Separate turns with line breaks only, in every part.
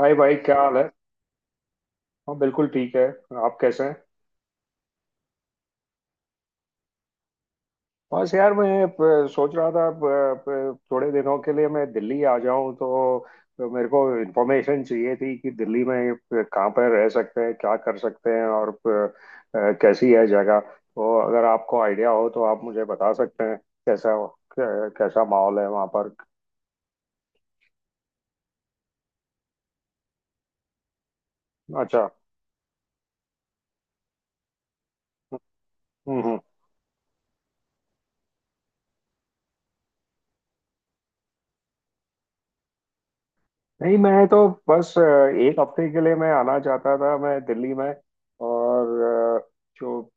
हाय भाई, क्या हाल है। हाँ, बिल्कुल ठीक है। आप कैसे हैं? बस यार मैं सोच रहा था, थोड़े दिनों के लिए मैं दिल्ली आ जाऊं तो मेरे को इन्फॉर्मेशन चाहिए थी कि दिल्ली में कहाँ पर रह सकते हैं, क्या कर सकते हैं और कैसी है जगह। तो अगर आपको आइडिया हो तो आप मुझे बता सकते हैं। कैसा, कैसा माहौल है वहाँ पर? अच्छा। हम्म, नहीं, मैं तो बस एक हफ्ते के लिए मैं आना चाहता था मैं दिल्ली में। और अ, जो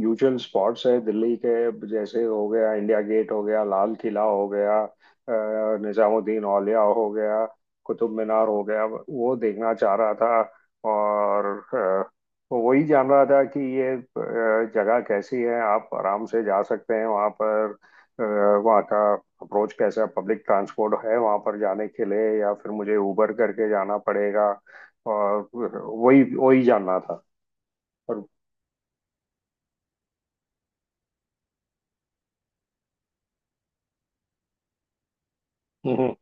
यूजुअल स्पॉट्स है दिल्ली के, जैसे हो गया इंडिया गेट, हो गया लाल किला, हो गया निजामुद्दीन औलिया हो गया, कुतुब मीनार हो गया, वो देखना चाह रहा था। और अ, वही जान रहा था कि ये जगह कैसी है, आप आराम से जा सकते हैं वहाँ पर। वहाँ का अप्रोच कैसा है, पब्लिक ट्रांसपोर्ट है वहां पर जाने के लिए या फिर मुझे उबर करके जाना पड़ेगा? और वही वही जानना था। और हम्म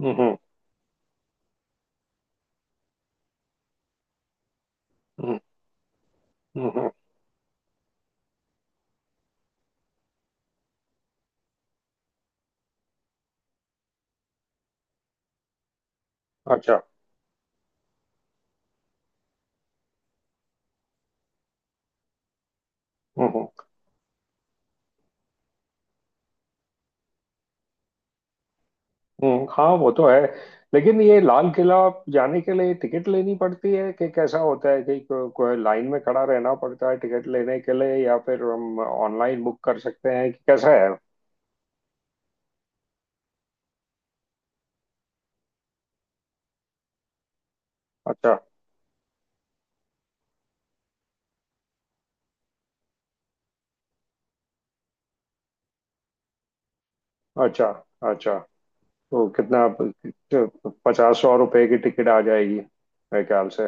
हम्म, हम्म। हम्म, हम्म, अच्छा। हम्म, हम्म। हाँ, वो तो है। लेकिन ये लाल किला जाने के लिए टिकट लेनी पड़ती है कि कैसा होता है? कि कोई लाइन में खड़ा रहना पड़ता है टिकट लेने के लिए या फिर हम ऑनलाइन बुक कर सकते हैं, कि कैसा है? अच्छा। अच्छा। अच्छा। तो कितना, 50 100 रुपए की टिकट आ जाएगी मेरे ख्याल से?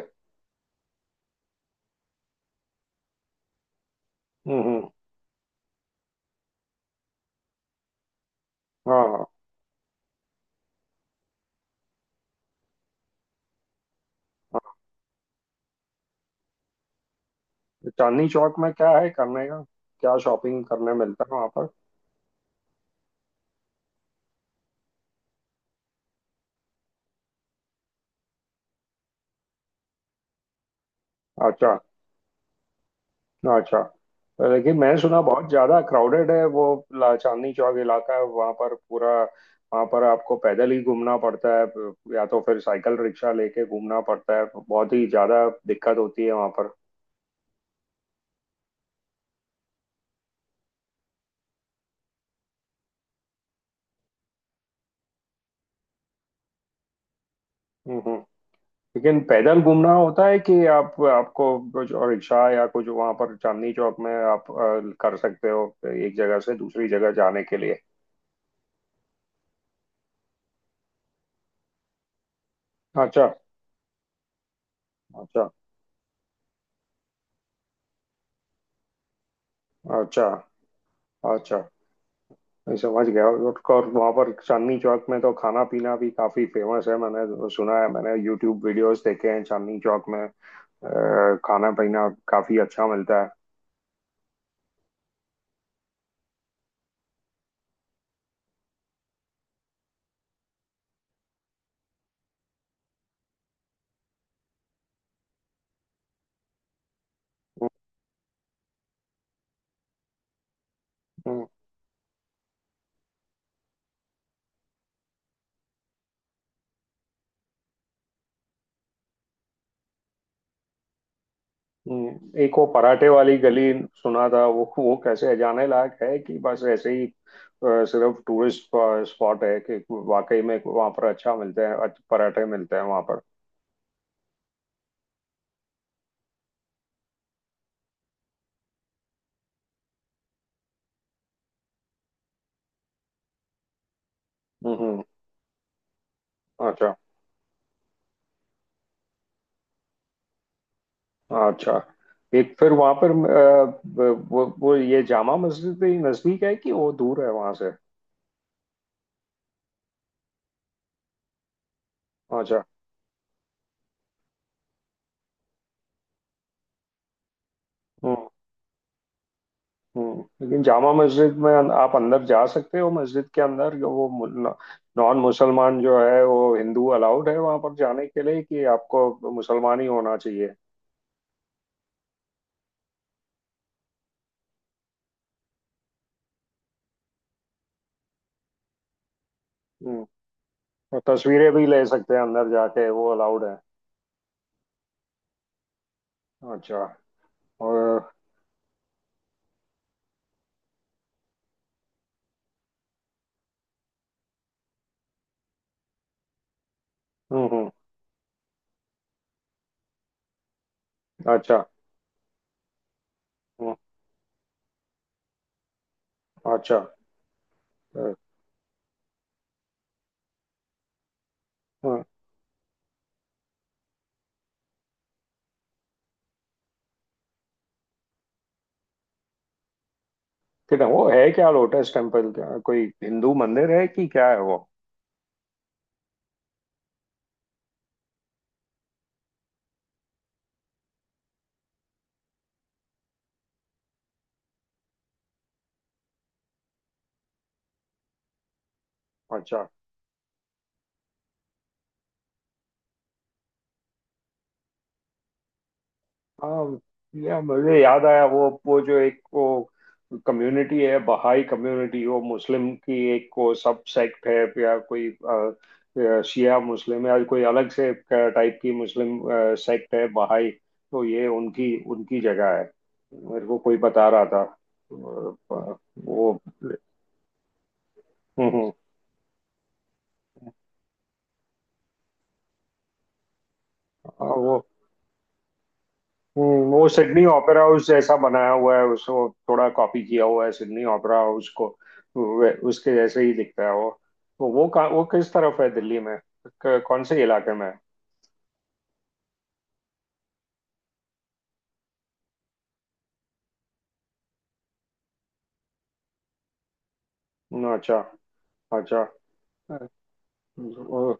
हम्म, हम्म। हाँ, हाँ, हाँ। चांदनी चौक में क्या है करने का? क्या शॉपिंग करने मिलता है वहां पर? अच्छा। अच्छा। लेकिन मैं सुना बहुत ज्यादा क्राउडेड है वो, चांदनी चौक इलाका है वहां पर पूरा। वहां पर आपको पैदल ही घूमना पड़ता है या तो फिर साइकिल रिक्शा लेके घूमना पड़ता है, बहुत ही ज्यादा दिक्कत होती है वहां पर। हम्म। लेकिन पैदल घूमना होता है कि आप आपको कुछ और रिक्शा या कुछ वहां पर चांदनी चौक में आप कर सकते हो एक जगह से दूसरी जगह जाने के लिए? अच्छा। अच्छा। अच्छा। अच्छा। मैं समझ गया। और वहाँ पर चांदनी चौक में तो खाना पीना भी काफी फेमस है, मैंने सुना है। मैंने यूट्यूब वीडियोस देखे हैं चांदनी चौक में, अ, खाना पीना काफी अच्छा मिलता है। हम्म, हम्म। एक वो पराठे वाली गली सुना था। वो कैसे जाने लायक है कि बस ऐसे ही सिर्फ टूरिस्ट स्पॉट है, कि वाकई में वहां पर अच्छा मिलते हैं, अच्छे पराठे मिलते हैं वहां पर? हम्म। अच्छा। अच्छा। एक फिर वहां पर अ, वो ये जामा मस्जिद भी नजदीक है कि वो दूर है वहां से? अच्छा। हम्म। हम्म, लेकिन जामा मस्जिद में आप अंदर जा सकते हो? मस्जिद के अंदर जो वो नॉन मुसलमान जो है, वो हिंदू अलाउड है वहां पर जाने के लिए कि आपको मुसलमान ही होना चाहिए? हम्म। और तस्वीरें भी ले सकते हैं अंदर जाके, वो अलाउड है? अच्छा। और हम्म, हम्म। अच्छा। हम्म, अच्छा। अ, हम्म, कितना वो है क्या लोटस टेम्पल? क्या कोई हिंदू मंदिर है कि क्या है वो? अच्छा। हाँ, या मुझे याद आया, वो जो एक वो कम्युनिटी है, बहाई कम्युनिटी, वो मुस्लिम की एक को सब सेक्ट है, या कोई शिया मुस्लिम है या कोई अलग से टाइप की मुस्लिम सेक्ट है बहाई? तो ये उनकी उनकी जगह है? मेरे को कोई बता रहा था वो। हम्म, हाँ, हम्म, वो सिडनी ओपेरा हाउस जैसा बनाया हुआ है, उसको थोड़ा कॉपी किया हुआ है सिडनी ओपेरा हाउस को, उसके जैसे ही दिखता है वो। तो वो वो किस तरफ है दिल्ली में? कौन से इलाके में है? अच्छा। अच्छा। वो-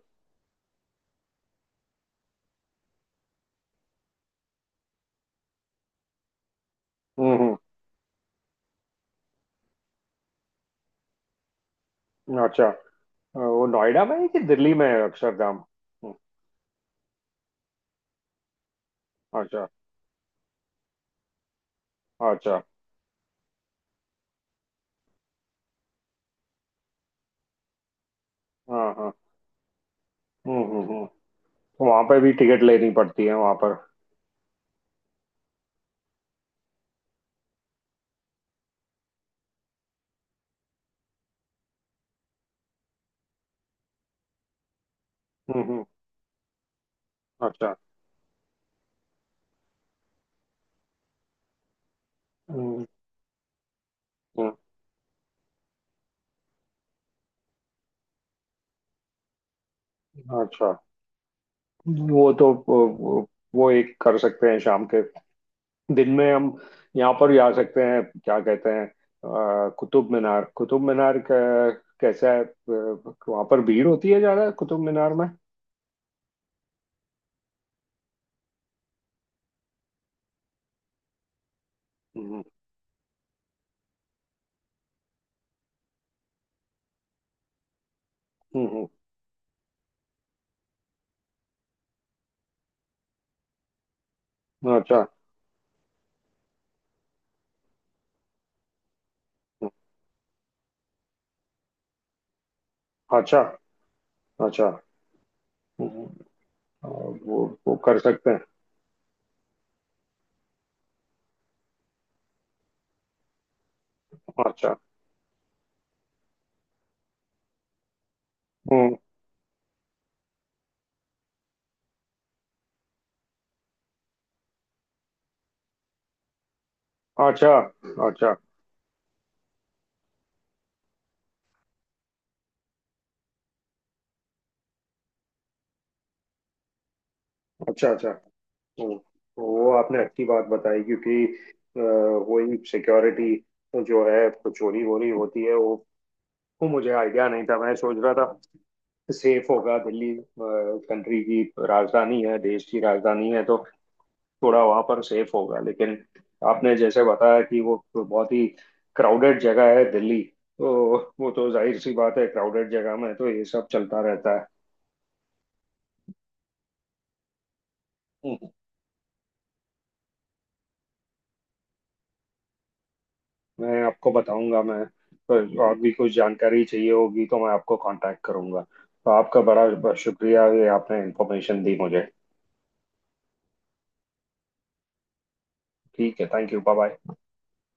हम्म, अच्छा। वो नोएडा में है कि दिल्ली में है अक्षरधाम? हम्म, अच्छा। अच्छा। हाँ, हाँ। हम्म, हम्म, हम्म। तो वहाँ पे भी टिकट लेनी पड़ती है वहाँ पर? हम्म, हम्म। अच्छा। हम्म, हम्म, अच्छा। वो तो वो, वो एक कर सकते हैं शाम के, दिन में हम यहाँ पर भी आ सकते हैं क्या कहते हैं कुतुब मीनार? कुतुब मीनार कैसा है, वहाँ पर भीड़ होती है ज्यादा कुतुब मीनार में? हम्म, हम्म। अच्छा। अच्छा। अच्छा। हम्म, अ, वो कर सकते हैं। अच्छा। हम्म। अच्छा। अच्छा। अच्छा। अच्छा। हम्म, वो आपने अच्छी बात बताई, क्योंकि अ, वही सिक्योरिटी जो है, तो चोरी वोरी होती है वो। वो मुझे आइडिया नहीं था, मैं सोच रहा था सेफ होगा दिल्ली, कंट्री की राजधानी है, देश की राजधानी है, तो थोड़ा वहां पर सेफ होगा। लेकिन आपने जैसे बताया कि वो तो बहुत ही क्राउडेड जगह है दिल्ली, तो वो तो जाहिर सी बात है, क्राउडेड जगह में तो ये सब चलता रहता है। मैं आपको बताऊंगा। मैं पर और भी कुछ जानकारी चाहिए होगी तो मैं आपको कांटेक्ट करूंगा। तो आपका बड़ा बड़ा शुक्रिया, ये आपने इंफॉर्मेशन दी मुझे। ठीक है। Thank you. Bye bye.